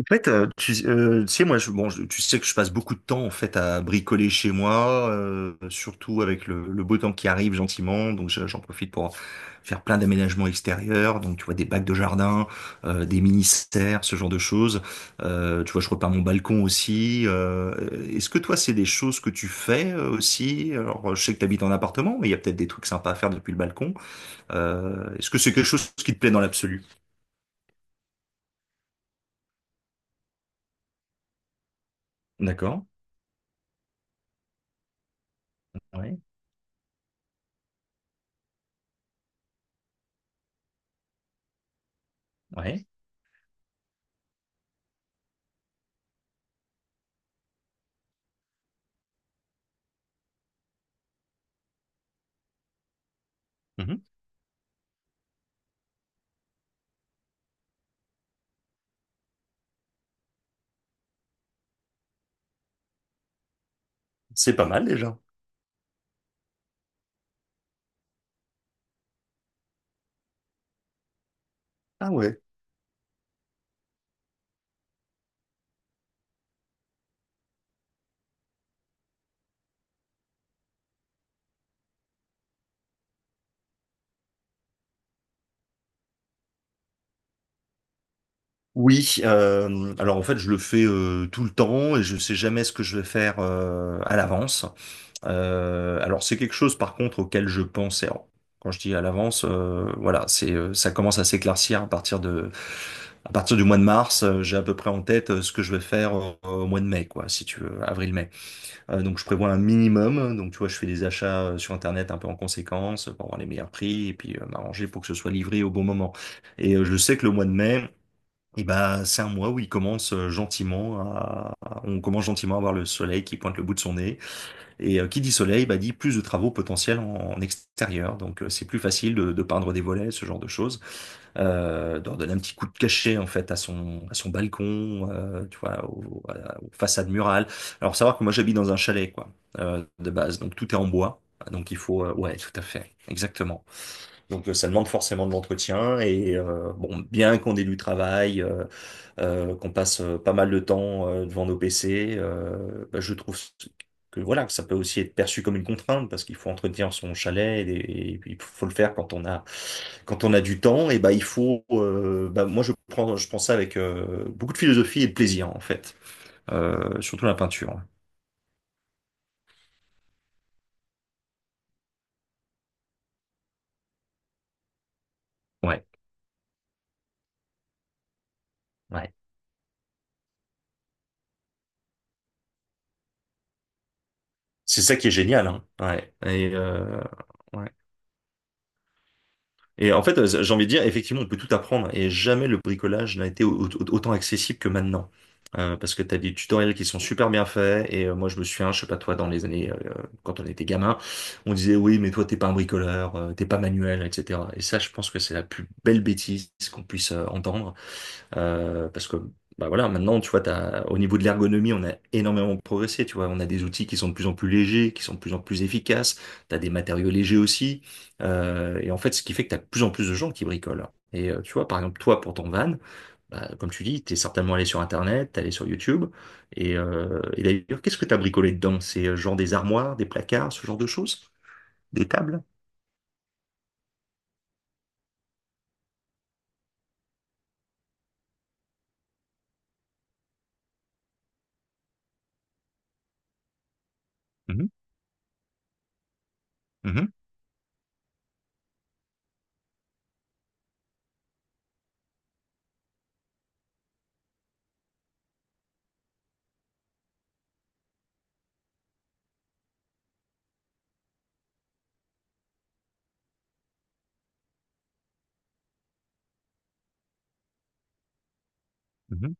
En fait, tu sais, moi, tu sais que je passe beaucoup de temps en fait à bricoler chez moi, surtout avec le beau temps qui arrive gentiment. Donc, j'en profite pour faire plein d'aménagements extérieurs. Donc, tu vois, des bacs de jardin, des mini-serres, ce genre de choses. Tu vois, je repars mon balcon aussi. Est-ce que toi, c'est des choses que tu fais aussi? Alors, je sais que tu habites en appartement, mais il y a peut-être des trucs sympas à faire depuis le balcon. Est-ce que c'est quelque chose qui te plaît dans l'absolu? D'accord. Ouais, ouais. Mhm. C'est pas mal déjà. Ah, ouais. Oui, alors en fait je le fais tout le temps et je sais jamais ce que je vais faire à l'avance. Alors c'est quelque chose par contre auquel je pense. Et alors, quand je dis à l'avance, voilà, c'est ça commence à s'éclaircir à partir du mois de mars. J'ai à peu près en tête ce que je vais faire au mois de mai, quoi, si tu veux, avril-mai. Donc je prévois un minimum. Donc tu vois, je fais des achats sur Internet un peu en conséquence pour avoir les meilleurs prix et puis m'arranger pour que ce soit livré au bon moment. Et je sais que le mois de mai et bah, c'est un mois où il commence gentiment à, on commence gentiment à voir le soleil qui pointe le bout de son nez. Et qui dit soleil, bah, dit plus de travaux potentiels en extérieur. Donc, c'est plus facile de peindre des volets, ce genre de choses, de redonner un petit coup de cachet, en fait, à son balcon, tu vois, façades murales. Alors, savoir que moi, j'habite dans un chalet, quoi, de base. Donc, tout est en bois. Donc, il faut, ouais, tout à fait. Exactement. Donc, ça demande forcément de l'entretien et bon, bien qu'on ait du travail, qu'on passe pas mal de temps devant nos PC, bah, je trouve que voilà, que ça peut aussi être perçu comme une contrainte parce qu'il faut entretenir son chalet et il faut le faire quand on a du temps et bah il faut bah, moi je prends ça avec beaucoup de philosophie et de plaisir en fait, surtout la peinture. Ouais, ouais. C'est ça qui est génial, hein. Ouais. Et ouais. Et en fait, j'ai envie de dire, effectivement, on peut tout apprendre et jamais le bricolage n'a été autant accessible que maintenant. Parce que tu as des tutoriels qui sont super bien faits et moi je me souviens, je sais pas toi, dans les années, quand on était gamin, on disait oui, mais toi t'es pas un bricoleur, t'es pas manuel, etc. Et ça, je pense que c'est la plus belle bêtise qu'on puisse entendre. Parce que bah voilà, maintenant, tu vois, t'as, au niveau de l'ergonomie, on a énormément progressé. Tu vois, on a des outils qui sont de plus en plus légers, qui sont de plus en plus efficaces. Tu as des matériaux légers aussi. Et en fait, ce qui fait que tu as de plus en plus de gens qui bricolent. Et tu vois, par exemple, toi, pour ton van, bah, comme tu dis, tu es certainement allé sur Internet, t'es allé sur YouTube. Et d'ailleurs, qu'est-ce que tu as bricolé dedans? C'est genre des armoires, des placards, ce genre de choses? Des tables? Mhm, mhm, mhm.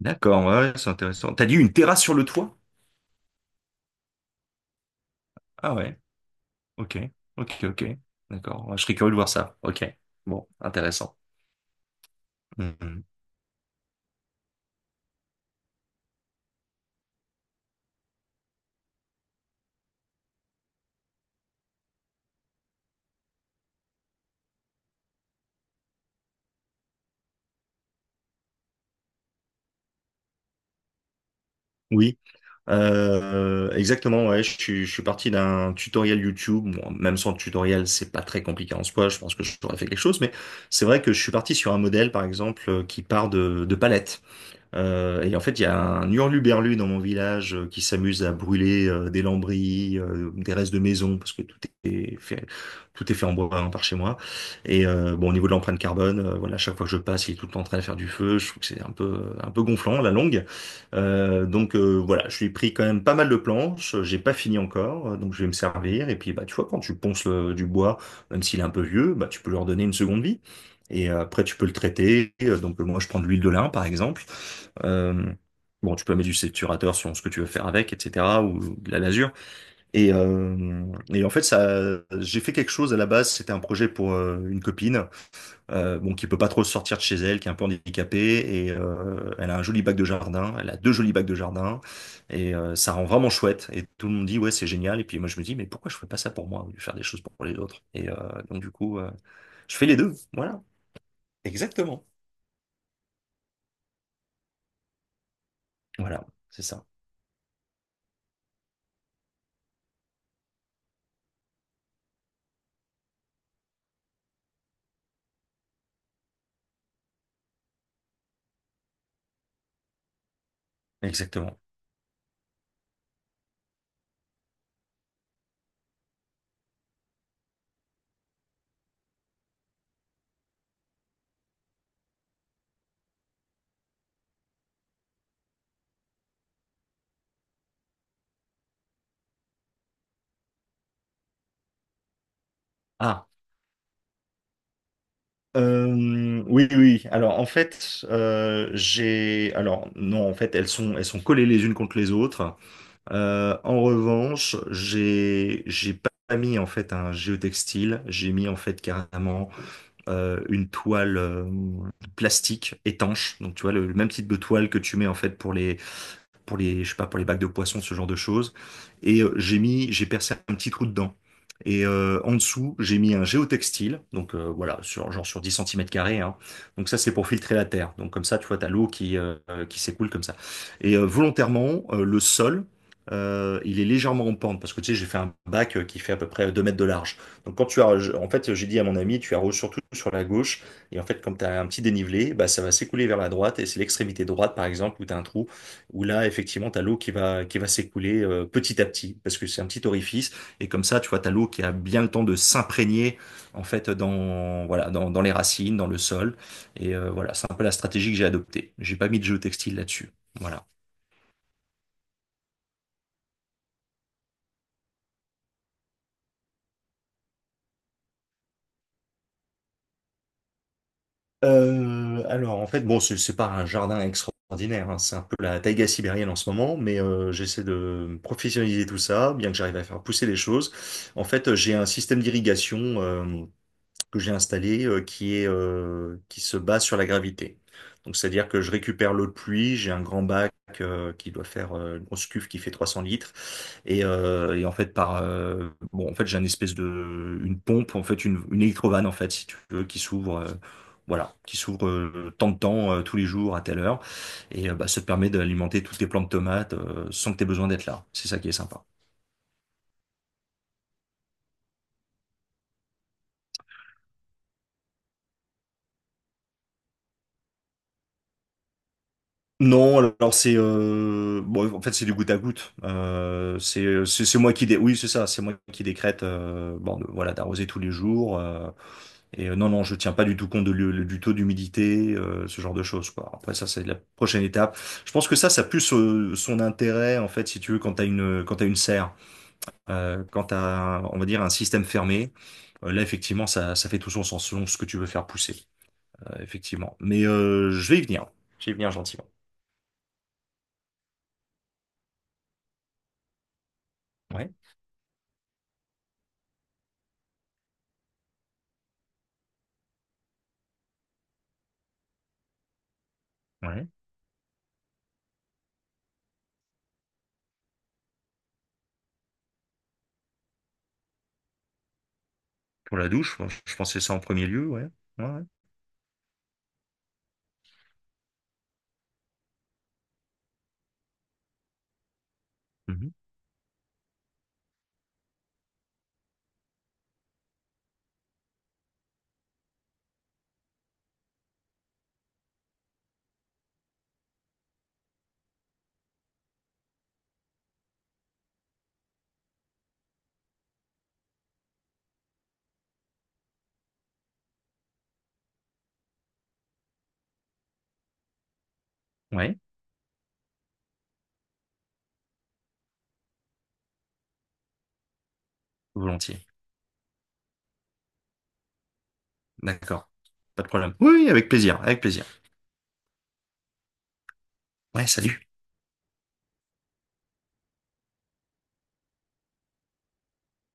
D'accord, ouais, ouais, c'est intéressant. T'as dit une terrasse sur le toit? Ah, ouais. Ok, ok, ok. D'accord. Je serais curieux de voir ça. Ok. Bon, intéressant. Mhm. Oui, exactement. Ouais, je suis parti d'un tutoriel YouTube. Bon, même sans tutoriel, c'est pas très compliqué en soi. Je pense que j'aurais fait quelque chose, mais c'est vrai que je suis parti sur un modèle, par exemple, qui part de palettes. Et en fait, il y a un hurluberlu dans mon village qui s'amuse à brûler des lambris, des restes de maison, parce que est fait, tout est fait en bois hein, par chez moi. Et bon, au niveau de l'empreinte carbone, voilà, chaque fois que je passe, il est tout le temps en train de faire du feu. Je trouve que c'est un peu gonflant, à la longue. Donc voilà, je lui ai pris quand même pas mal de planches. J'ai pas fini encore, donc je vais me servir. Et puis bah tu vois, quand tu ponces du bois, même s'il est un peu vieux, bah tu peux leur donner une seconde vie. Et après, tu peux le traiter. Donc, moi, je prends de l'huile de lin, par exemple. Euh, bon, tu peux mettre du saturateur sur ce que tu veux faire avec, etc., ou de la lasure. Et, euh, et en fait, ça, j'ai fait quelque chose à la base. C'était un projet pour une copine, bon, qui peut pas trop sortir de chez elle, qui est un peu handicapée, et elle a un joli bac de jardin. Elle a deux jolis bacs de jardin, et ça rend vraiment chouette. Et tout le monde dit ouais, c'est génial. Et puis moi, je me dis mais pourquoi je fais pas ça pour moi, au lieu de faire des choses pour les autres. Et donc du coup, je fais les deux. Voilà, exactement. Voilà, c'est ça, exactement. Ah. Oui, oui. Alors, en fait, j'ai. Alors, non, en fait, elles sont collées les unes contre les autres. En revanche, j'ai pas mis en fait un géotextile. J'ai mis en fait carrément une toile plastique étanche. Donc, tu vois, le même type de toile que tu mets en fait pour les je sais pas, pour les bacs de poissons, ce genre de choses. Et j'ai percé un petit trou dedans. Et en dessous, j'ai mis un géotextile, donc voilà, sur 10 cm², hein. Donc ça, c'est pour filtrer la terre. Donc comme ça, tu vois, t'as l'eau qui s'écoule comme ça. Et volontairement, le sol, il est légèrement en pente, parce que tu sais, j'ai fait un bac qui fait à peu près 2 mètres de large. Donc quand tu arroses, en fait, j'ai dit à mon ami, tu arroses surtout sur la gauche, et en fait, comme tu as un petit dénivelé, bah, ça va s'écouler vers la droite, et c'est l'extrémité droite, par exemple, où tu as un trou, où là, effectivement, t'as l'eau qui va s'écouler petit à petit, parce que c'est un petit orifice, et comme ça, tu vois, t'as l'eau qui a bien le temps de s'imprégner, en fait, voilà, dans les racines, dans le sol, et voilà, c'est un peu la stratégie que j'ai adoptée. J'ai pas mis de géotextile là-dessus, voilà. Alors, en fait, bon, c'est pas un jardin extraordinaire, hein, c'est un peu la taïga sibérienne en ce moment, mais j'essaie de professionnaliser tout ça, bien que j'arrive à faire pousser les choses. En fait, j'ai un système d'irrigation, que j'ai installé qui se base sur la gravité. Donc c'est-à-dire que je récupère l'eau de pluie, j'ai un grand bac qui doit faire une grosse cuve qui fait 300 litres et en fait par bon en fait j'ai une espèce de une pompe en fait une électrovanne en fait si tu veux qui s'ouvre voilà qui s'ouvre tant de temps tous les jours à telle heure et bah, ça te permet d'alimenter toutes tes plantes de tomates sans que tu aies besoin d'être là. C'est ça qui est sympa. Non, alors c'est bon, en fait c'est du goutte à goutte. C'est c'est moi qui dé... oui c'est ça, c'est moi qui décrète bon voilà d'arroser tous les jours et non non je tiens pas du tout compte de du taux d'humidité ce genre de choses quoi. Après ça c'est la prochaine étape. Je pense que ça a plus son intérêt en fait si tu veux quand t'as une serre quand t'as on va dire un système fermé. Là, effectivement, ça fait tout son sens selon ce que tu veux faire pousser, effectivement. Mais je vais y venir. Je vais y venir gentiment. Ouais. Ouais. Pour la douche, moi, je pensais ça en premier lieu, ouais. Ouais, ouais. Mhm. Ouais, volontiers. D'accord. Pas de problème. Oui, avec plaisir, avec plaisir. Ouais, salut.